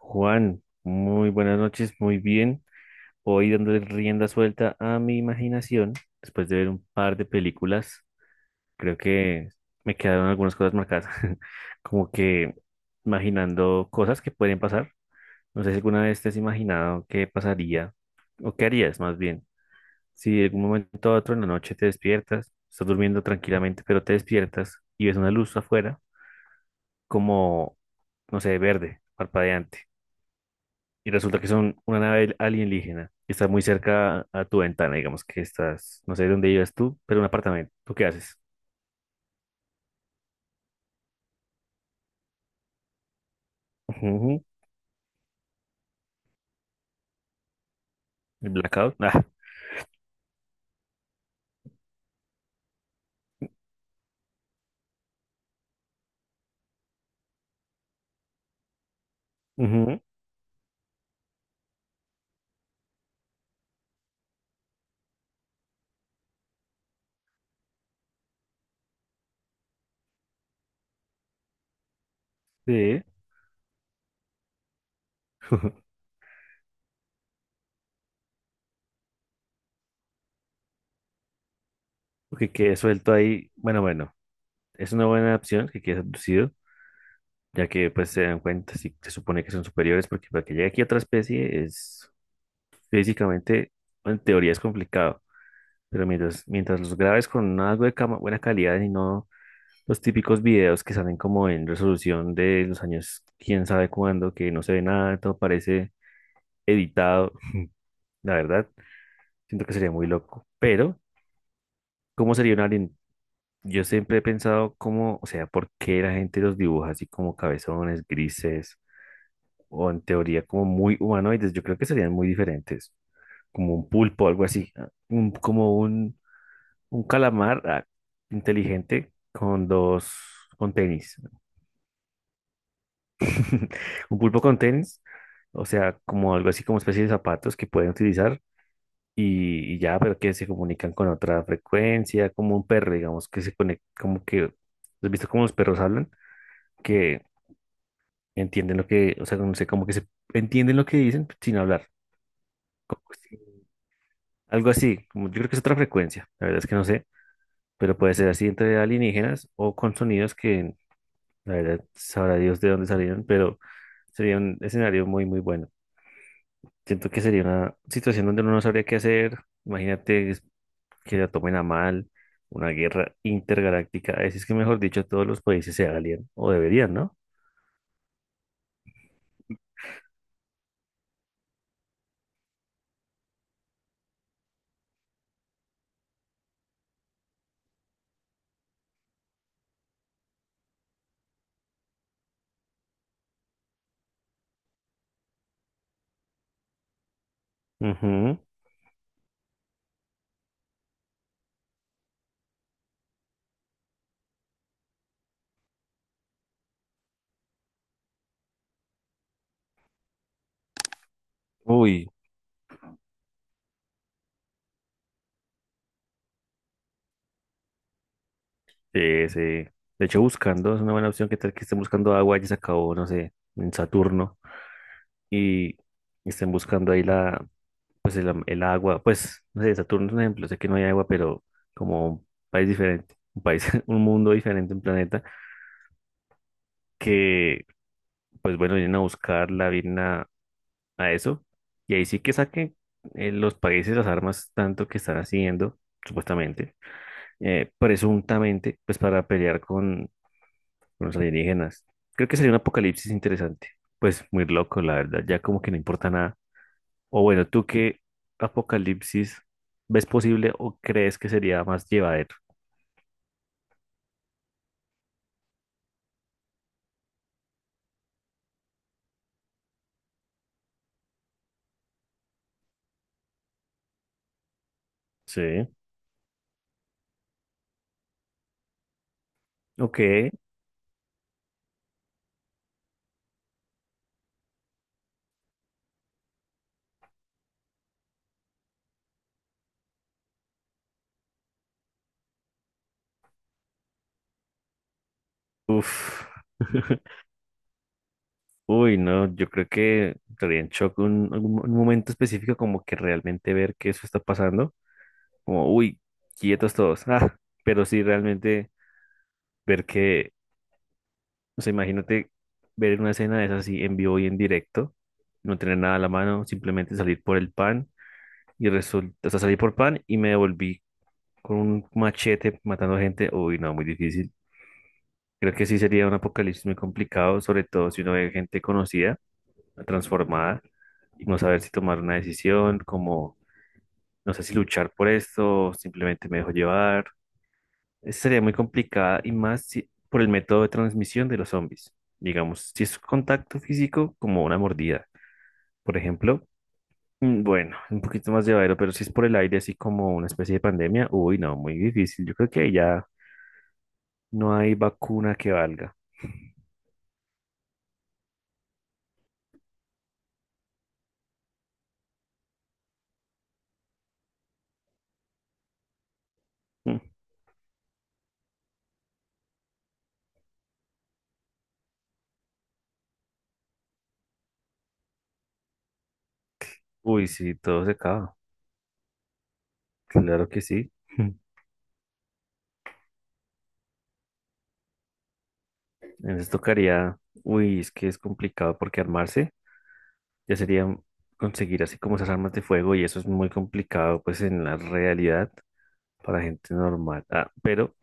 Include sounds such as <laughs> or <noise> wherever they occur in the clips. Juan, muy buenas noches, muy bien. Hoy dándole rienda suelta a mi imaginación, después de ver un par de películas, creo que me quedaron algunas cosas marcadas, <laughs> como que imaginando cosas que pueden pasar. No sé si alguna vez te has imaginado qué pasaría o qué harías más bien. Si en algún momento a otro en la noche te despiertas, estás durmiendo tranquilamente, pero te despiertas y ves una luz afuera como, no sé, verde, parpadeante y resulta que son una nave alienígena que está muy cerca a tu ventana, digamos que estás, no sé dónde vives tú, pero un apartamento. ¿Tú qué haces? Ujú. El blackout. Ah, ujú, sí. <laughs> Porque quede suelto ahí. Bueno, bueno, es una buena opción que quede abducido, ya que pues se dan cuenta si se supone que son superiores, porque para que llegue aquí otra especie es físicamente, en teoría es complicado. Pero mientras los grabes con algo de buena calidad y no los típicos videos que salen como en resolución de los años, quién sabe cuándo, que no se ve nada, todo parece editado. La verdad, siento que sería muy loco. Pero, ¿cómo sería un alien? Yo siempre he pensado cómo, o sea, por qué la gente los dibuja así como cabezones, grises, o en teoría como muy humanoides. Yo creo que serían muy diferentes, como un pulpo, algo así, como un calamar, inteligente con dos, con tenis. <laughs> Un pulpo con tenis, o sea, como algo así como especie de zapatos que pueden utilizar y ya, pero que se comunican con otra frecuencia, como un perro, digamos, que se conecta, como que, ¿has visto cómo los perros hablan? Que entienden lo que, o sea, no sé, como que se entienden lo que dicen sin hablar, como si- algo así, como yo creo que es otra frecuencia, la verdad es que no sé, pero puede ser así entre alienígenas o con sonidos que, la verdad, sabrá Dios de dónde salieron, pero sería un escenario muy, muy bueno. Siento que sería una situación donde uno no sabría qué hacer. Imagínate que la tomen a mal, una guerra intergaláctica. Así es que, mejor dicho, todos los países se alían o deberían, ¿no? Ujú. Uy, sí, sí. De hecho, buscando es una buena opción. ¿Qué tal que estén buscando agua y se acabó, no sé, en Saturno? Y estén buscando ahí la, pues el, el agua. Pues, no sé, Saturno es un ejemplo. Sé que no hay agua, pero como un país diferente, un país, <laughs> un mundo diferente, un planeta que pues bueno, vienen a buscarla, vienen a eso, y ahí sí que saquen los países las armas tanto que están haciendo, supuestamente, presuntamente, pues para pelear con los alienígenas. Creo que sería un apocalipsis interesante, pues muy loco, la verdad, ya como que no importa nada. O bueno, ¿tú qué apocalipsis ves posible o crees que sería más llevadero? Sí. Ok. Uf. <laughs> Uy, no, yo creo que estaría en shock un, algún un momento específico como que realmente ver que eso está pasando, como, uy, quietos todos, pero sí realmente ver que, o sea, imagínate ver una escena de esas así en vivo y en directo, no tener nada a la mano, simplemente salir por el pan y resulta, o sea, salí por pan y me devolví con un machete matando gente, uy, no, muy difícil. Creo que sí sería un apocalipsis muy complicado, sobre todo si uno ve gente conocida transformada y no saber si tomar una decisión, como no sé si luchar por esto, simplemente me dejo llevar. Esa sería muy complicada y más por el método de transmisión de los zombies. Digamos, si es contacto físico, como una mordida, por ejemplo. Mm, bueno, un poquito más llevadero, pero si es por el aire, así como una especie de pandemia, uy, no, muy difícil. Yo creo que ahí ya no hay vacuna que valga. Mm. Uy, sí, todo se acaba. Claro que sí. <laughs> Entonces tocaría, uy, es que es complicado porque armarse ya sería conseguir así como esas armas de fuego y eso es muy complicado pues en la realidad para gente normal. Ah, pero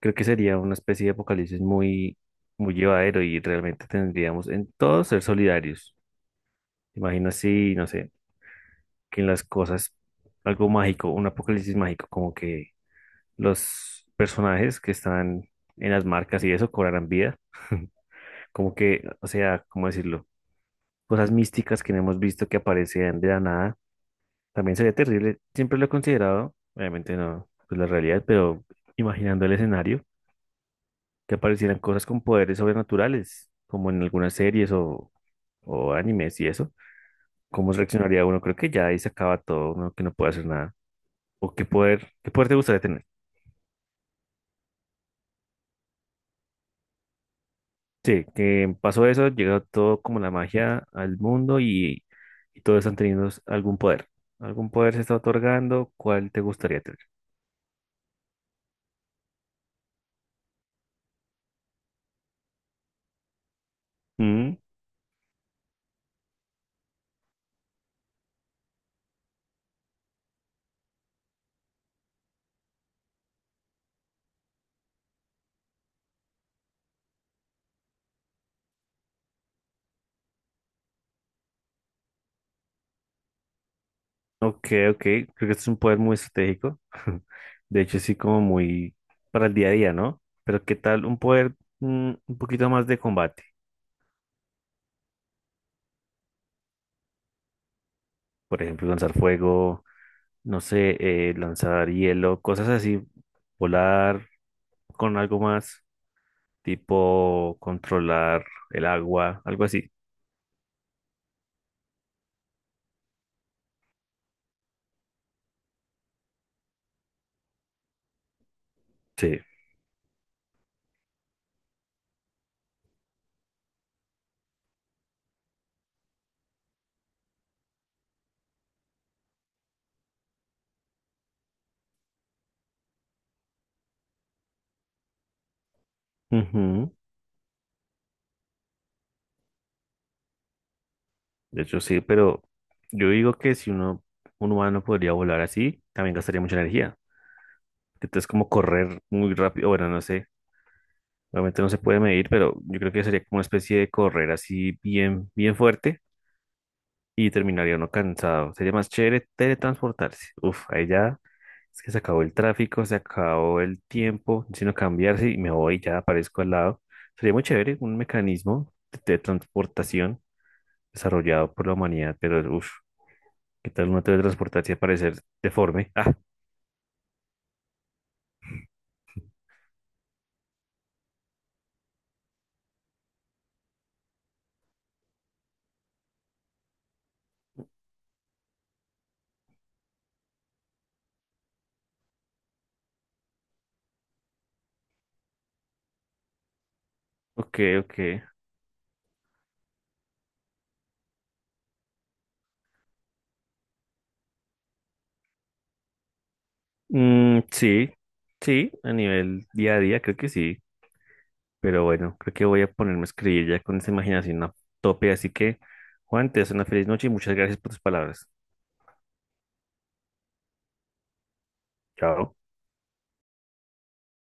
creo que sería una especie de apocalipsis muy, muy llevadero y realmente tendríamos en todo ser solidarios. Imagina si, no sé, que en las cosas, algo mágico, un apocalipsis mágico, como que los personajes que están en las marcas y eso cobrarán vida. <laughs> Como que, o sea, ¿cómo decirlo? Cosas místicas que no hemos visto que aparecían de la nada. También sería terrible. Siempre lo he considerado, obviamente no, pues la realidad, pero imaginando el escenario, que aparecieran cosas con poderes sobrenaturales, como en algunas series o animes y eso. ¿Cómo reaccionaría uno? Creo que ya ahí se acaba todo, uno que no puede hacer nada. ¿O qué poder te gustaría tener? Sí, que pasó eso, llegó todo como la magia al mundo y todos están teniendo algún poder. Algún poder se está otorgando, ¿cuál te gustaría tener? Mm, ok, ok, creo que este es un poder muy estratégico. <laughs> De hecho, sí, como muy para el día a día, ¿no? Pero ¿qué tal un poder un poquito más de combate? Por ejemplo, lanzar fuego, no sé, lanzar hielo, cosas así, volar con algo más, tipo controlar el agua, algo así. Sí. Ujú. De hecho, sí, pero yo digo que si uno, un humano podría volar así, también gastaría mucha energía. Entonces, como correr muy rápido, bueno, no sé, obviamente no se puede medir, pero yo creo que sería como una especie de correr así bien, bien fuerte y terminaría uno cansado. Sería más chévere teletransportarse. Uf, ahí ya es que se acabó el tráfico, se acabó el tiempo, sino cambiarse y me voy, ya aparezco al lado. Sería muy chévere un mecanismo de teletransportación desarrollado por la humanidad, pero uff. ¿Qué tal una teletransportarse y aparecer deforme? Ah, ok, ok. Mm, sí, sí, a nivel día a día creo que sí. Pero bueno, creo que voy a ponerme a escribir ya con esa imaginación a tope. Así que, Juan, te deseo una feliz noche y muchas gracias por tus palabras. Chao.